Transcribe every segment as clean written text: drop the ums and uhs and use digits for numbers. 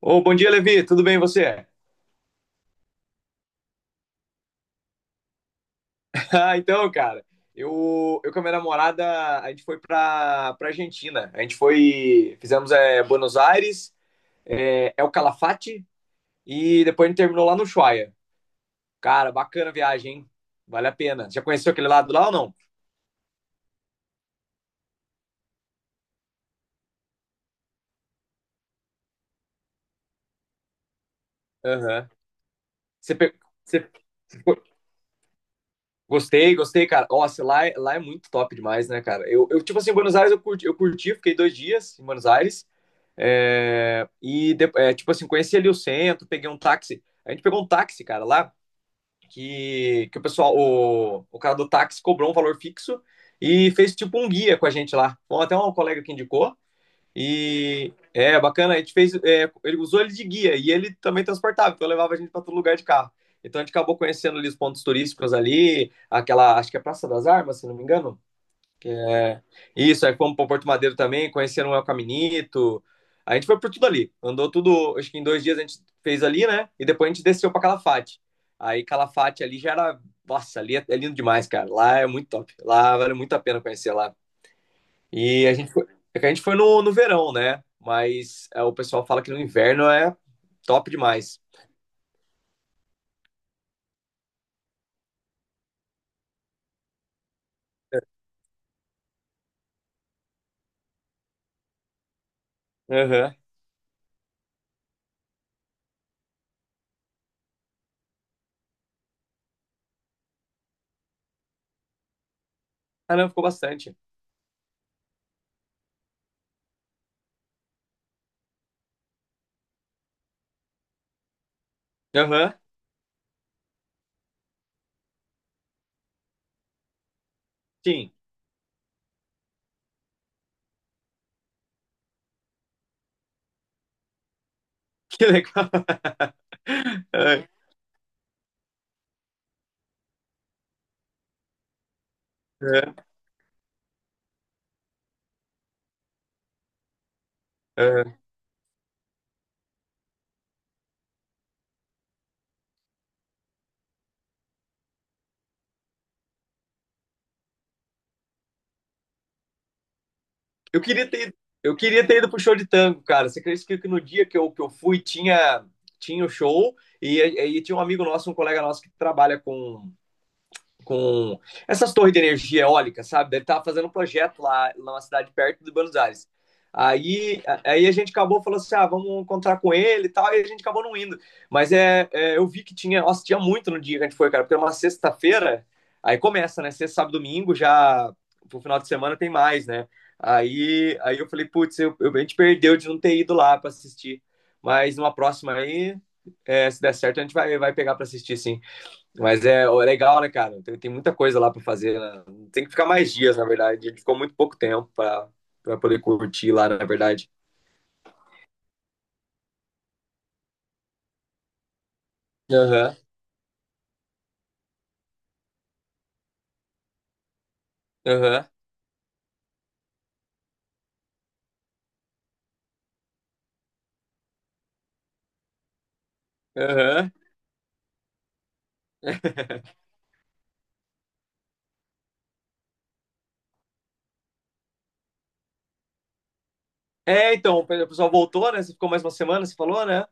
Ô, bom dia, Levi. Tudo bem e você? Ah, então, cara, eu com a minha namorada, a gente foi pra Argentina. A gente foi, fizemos é, Buenos Aires, é, El Calafate e depois a gente terminou lá no Ushuaia. Cara, bacana a viagem, hein? Vale a pena. Já conheceu aquele lado lá ou não? Aham. Você, você ficou- Gostei, gostei, cara. Nossa, lá, lá é muito top demais, né, cara? Eu tipo assim, Buenos Aires eu curti, fiquei 2 dias em Buenos Aires. É, e, é, tipo assim, conheci ali o centro, peguei um táxi. A gente pegou um táxi, cara, lá, que o pessoal, o cara do táxi cobrou um valor fixo e fez tipo um guia com a gente lá. Bom, até um colega que indicou. E é bacana, a gente fez, é, ele usou ele de guia e ele também transportava, então levava a gente para todo lugar de carro. Então a gente acabou conhecendo ali os pontos turísticos ali, aquela, acho que é Praça das Armas, se não me engano. É, isso, aí fomos para Porto Madeiro também, conheceram o Caminito. A gente foi por tudo ali. Andou tudo, acho que em 2 dias a gente fez ali, né? E depois a gente desceu para Calafate. Aí Calafate ali já era. Nossa, ali é lindo demais, cara. Lá é muito top. Lá vale muito a pena conhecer lá. E a gente foi, é que a gente foi no, no verão, né? Mas é, o pessoal fala que no inverno é top demais. Aham. Ah, não, ficou bastante. Aham, sim. Que legal. É, é, é. Eu queria ter, eu queria ter ido pro show de tango, cara. Você acredita que no dia que eu fui tinha, tinha o show e tinha um amigo nosso, um colega nosso que trabalha com essas torres de energia eólica, sabe? Ele estava fazendo um projeto lá numa cidade perto de Buenos Aires. Aí a gente acabou falando assim, ah, vamos encontrar com ele e tal, e a gente acabou não indo. Mas é, é, eu vi que tinha, nossa, tinha muito no dia que a gente foi, cara, porque é uma sexta-feira, aí começa, né? Sexta, sábado, domingo, já pro final de semana tem mais, né? Aí eu falei, putz, eu, a gente perdeu de não ter ido lá para assistir. Mas numa próxima aí, é, se der certo, a gente vai, vai pegar para assistir, sim. Mas é ó, é legal, né, cara? Tem, tem muita coisa lá pra fazer, né? Tem que ficar mais dias, na verdade. A gente ficou muito pouco tempo pra, pra poder curtir lá, na verdade. Aham, aham, aham. É, então, o pessoal voltou, né? Você ficou mais uma semana, você falou, né?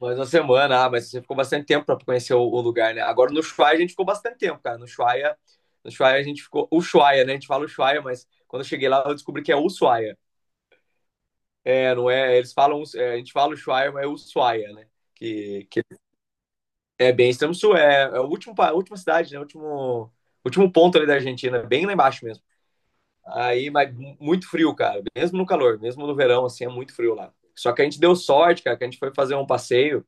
Mais uma semana, ah, mas você ficou bastante tempo pra conhecer o lugar, né? Agora no Ushuaia a gente ficou bastante tempo, cara. No Ushuaia, no Ushuaia a gente ficou. Ushuaia, né? A gente fala Ushuaia, mas quando eu cheguei lá eu descobri que é Ushuaia. É, não é. Eles falam. É, a gente fala Ushuaia, mas é Ushuaia, né? Que é, bem extremo sul, é, é a última, a última cidade, né? O último, último ponto ali da Argentina, bem lá embaixo mesmo. Aí, mas muito frio, cara. Mesmo no calor, mesmo no verão, assim, é muito frio lá. Só que a gente deu sorte, cara, que a gente foi fazer um passeio,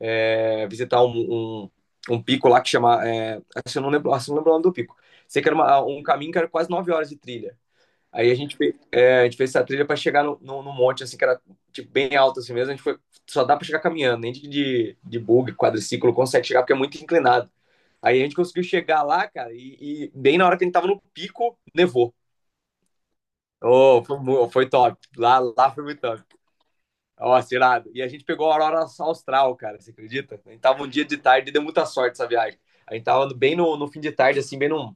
é, visitar um, um, um pico lá que chama. É, assim, eu não lembro, assim, eu não lembro o nome do pico. Sei que era um caminho que era quase 9 horas de trilha. Aí a gente, é, a gente fez essa trilha para chegar no, no, num monte, assim, que era tipo, bem alto assim mesmo. A gente foi, só dá para chegar caminhando, nem de, de bug, quadriciclo consegue chegar, porque é muito inclinado. Aí a gente conseguiu chegar lá, cara, e bem na hora que a gente tava no pico, nevou. Oh, foi, foi top. Lá, lá foi muito top. Ó, tirado. E a gente pegou a aurora austral, cara, você acredita? A gente tava um dia de tarde e deu muita sorte essa viagem. A gente tava bem no, no fim de tarde, assim, bem num,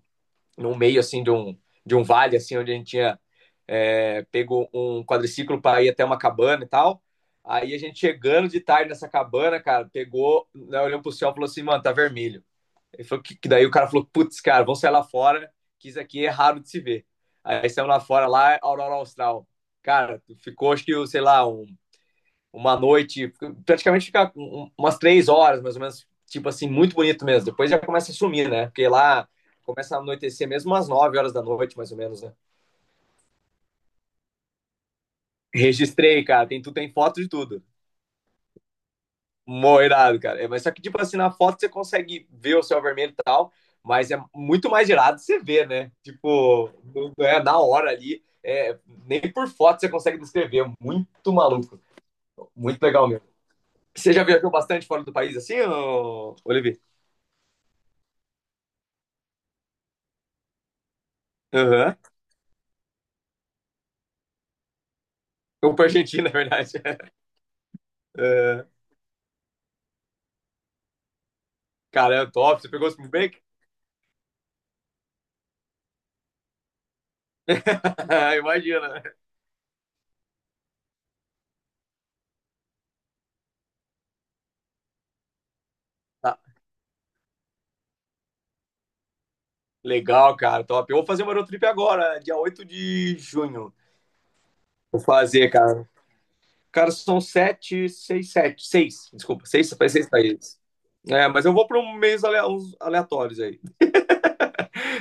no meio, assim, de um vale, assim, onde a gente tinha é, pego um quadriciclo para ir até uma cabana e tal. Aí a gente chegando de tarde nessa cabana, cara, pegou, né, olhando pro céu e falou assim, mano, tá vermelho. Ele falou que daí o cara falou, putz, cara, vamos sair lá fora, que isso aqui é raro de se ver. Aí saímos lá fora, lá, Aurora Austral. Cara, ficou, acho que, sei lá, um, uma noite, praticamente fica um, um, umas 3 horas, mais ou menos, tipo assim, muito bonito mesmo. Depois já começa a sumir, né? Porque lá começa a anoitecer mesmo umas 9 horas da noite, mais ou menos, né? Registrei, cara, tem, tu tem foto de tudo. Moirado, cara. É, mas só que, tipo assim, na foto você consegue ver o céu vermelho e tal, mas é muito mais irado você ver, né? Tipo, não é na hora ali. É, nem por foto você consegue descrever. É muito maluco. Muito legal mesmo. Você já viajou bastante fora do país assim, ô, Olivier? Aham. Ou pra Argentina, na verdade. É. Cara, é top. Você pegou o spring break? Imagina. Tá. Legal, cara, top. Eu vou fazer uma road trip agora, dia 8 de junho. Vou fazer, cara. Cara, são sete, seis, sete, seis, desculpa, seis, faz seis países. É, mas eu vou para um meios uns aleatórios aí.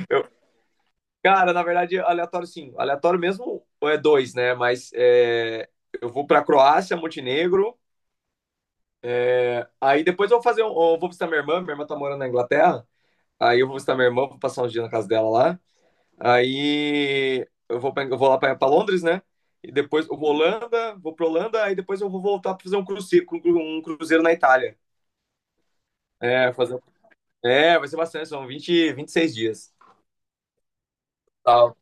Eu- cara, na verdade, aleatório sim. Aleatório mesmo é dois, né? Mas é, eu vou para Croácia, Montenegro. Aí depois eu vou fazer um, eu vou visitar minha irmã. Minha irmã tá morando na Inglaterra. Aí eu vou visitar minha irmã, vou passar uns dias na casa dela lá. Aí eu vou, eu vou lá para Londres, né? E depois eu vou Holanda, vou para Holanda. Aí depois eu vou voltar para fazer um cruzeiro, um cruzeiro na Itália. É, fazer é, vai ser bastante, são vinte, 26 dias. Tal.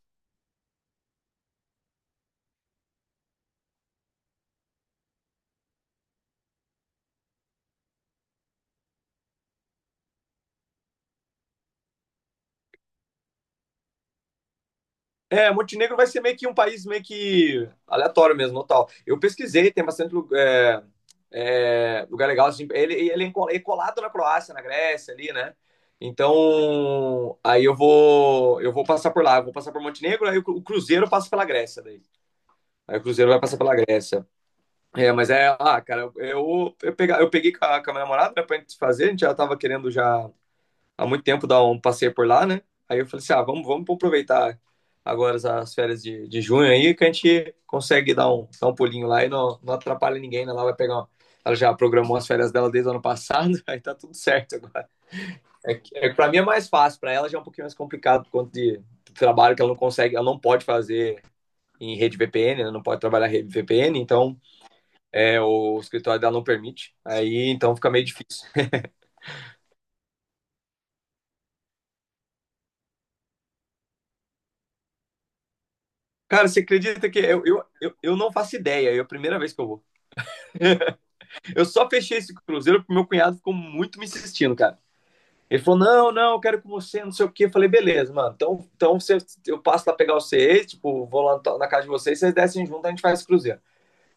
É, Montenegro vai ser meio que um país meio que aleatório mesmo, no tal. Eu pesquisei, tem bastante é, é, lugar legal. Assim, ele é é colado na Croácia, na Grécia ali, né? Então, aí eu vou passar por lá, eu vou passar por Montenegro, aí o o cruzeiro passa pela Grécia daí. Aí o cruzeiro vai passar pela Grécia. É, mas é, ah, cara, eu, eu peguei com a minha namorada, né, pra gente fazer, a gente já tava querendo já há muito tempo dar um passeio por lá, né? Aí eu falei assim, ah, vamos, vamos aproveitar agora as férias de junho aí, que a gente consegue dar um pulinho lá e não, não atrapalha ninguém, né? Ela vai pegar uma... Ela já programou as férias dela desde o ano passado, aí tá tudo certo agora. É, é, pra mim é mais fácil, pra ela já é um pouquinho mais complicado por conta de trabalho que ela não consegue, ela não pode fazer em rede VPN, ela não pode trabalhar em rede VPN, então é, o escritório dela não permite, aí então fica meio difícil. Cara, você acredita que eu não faço ideia, é a primeira vez que eu vou. Eu só fechei esse cruzeiro porque meu cunhado ficou muito me insistindo, cara. Ele falou: não, não, eu quero com você, não sei o quê. Eu falei, beleza, mano. Então, então você, eu passo lá pegar vocês, tipo, vou lá na casa de vocês, vocês descem junto, a gente faz esse cruzeiro.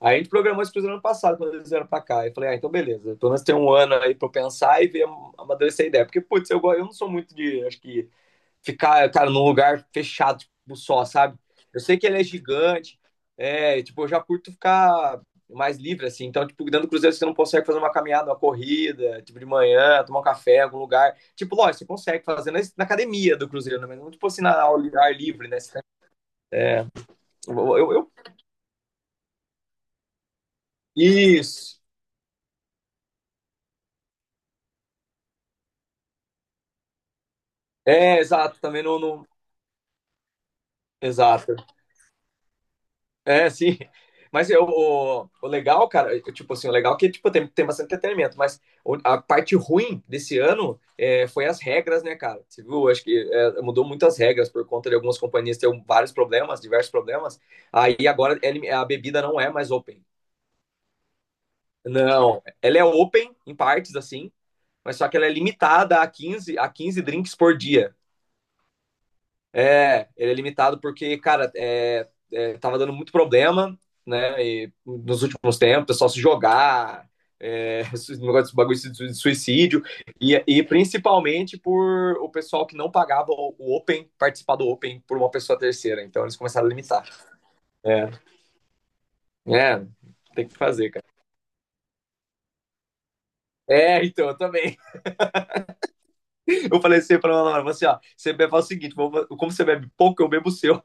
Aí a gente programou esse cruzeiro ano passado, quando eles vieram pra cá. Eu falei, ah, então beleza. Pelo menos tem um ano aí pra eu pensar e ver amadurecer a ideia. Porque, putz, eu não sou muito de, acho que, ficar, cara, num lugar fechado tipo, só, sabe? Eu sei que ele é gigante, é, tipo, eu já curto ficar mais livre, assim. Então, tipo, dentro do Cruzeiro você não consegue fazer uma caminhada, uma corrida, tipo, de manhã, tomar um café em algum lugar. Tipo, lógico, você consegue fazer na, na academia do Cruzeiro, né? Mas não, tipo, assim, na, ao ar livre, né? É, eu, isso. É, exato, também não... não exato. É, sim. Mas eu, o legal, cara, eu, tipo assim, o legal é que tipo, tem, tem bastante entretenimento, mas a parte ruim desse ano é, foi as regras, né, cara? Você viu? Acho que é, mudou muitas regras por conta de algumas companhias ter um, vários problemas, diversos problemas. Aí agora a bebida não é mais open. Não, ela é open em partes, assim, mas só que ela é limitada a 15 a 15 drinks por dia. É, ele é limitado porque, cara, é, é, tava dando muito problema, né? E nos últimos tempos, o pessoal se jogar, é, negócio de bagulho de suicídio, e principalmente por o pessoal que não pagava o Open, participar do Open por uma pessoa terceira. Então eles começaram a limitar. É, é tem que fazer, cara. É, então, eu também. Eu falei assim pra ela, assim, ó, você bebe, faz o seguinte, como você bebe pouco, eu bebo o seu.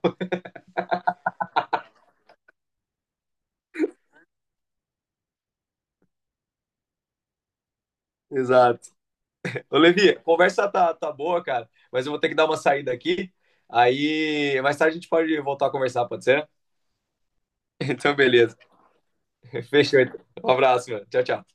Exato. Ô, Levi, a conversa tá, tá boa, cara, mas eu vou ter que dar uma saída aqui. Aí, mais tarde a gente pode voltar a conversar, pode ser? Então, beleza. Fechou. Então. Um abraço, mano. Tchau, tchau.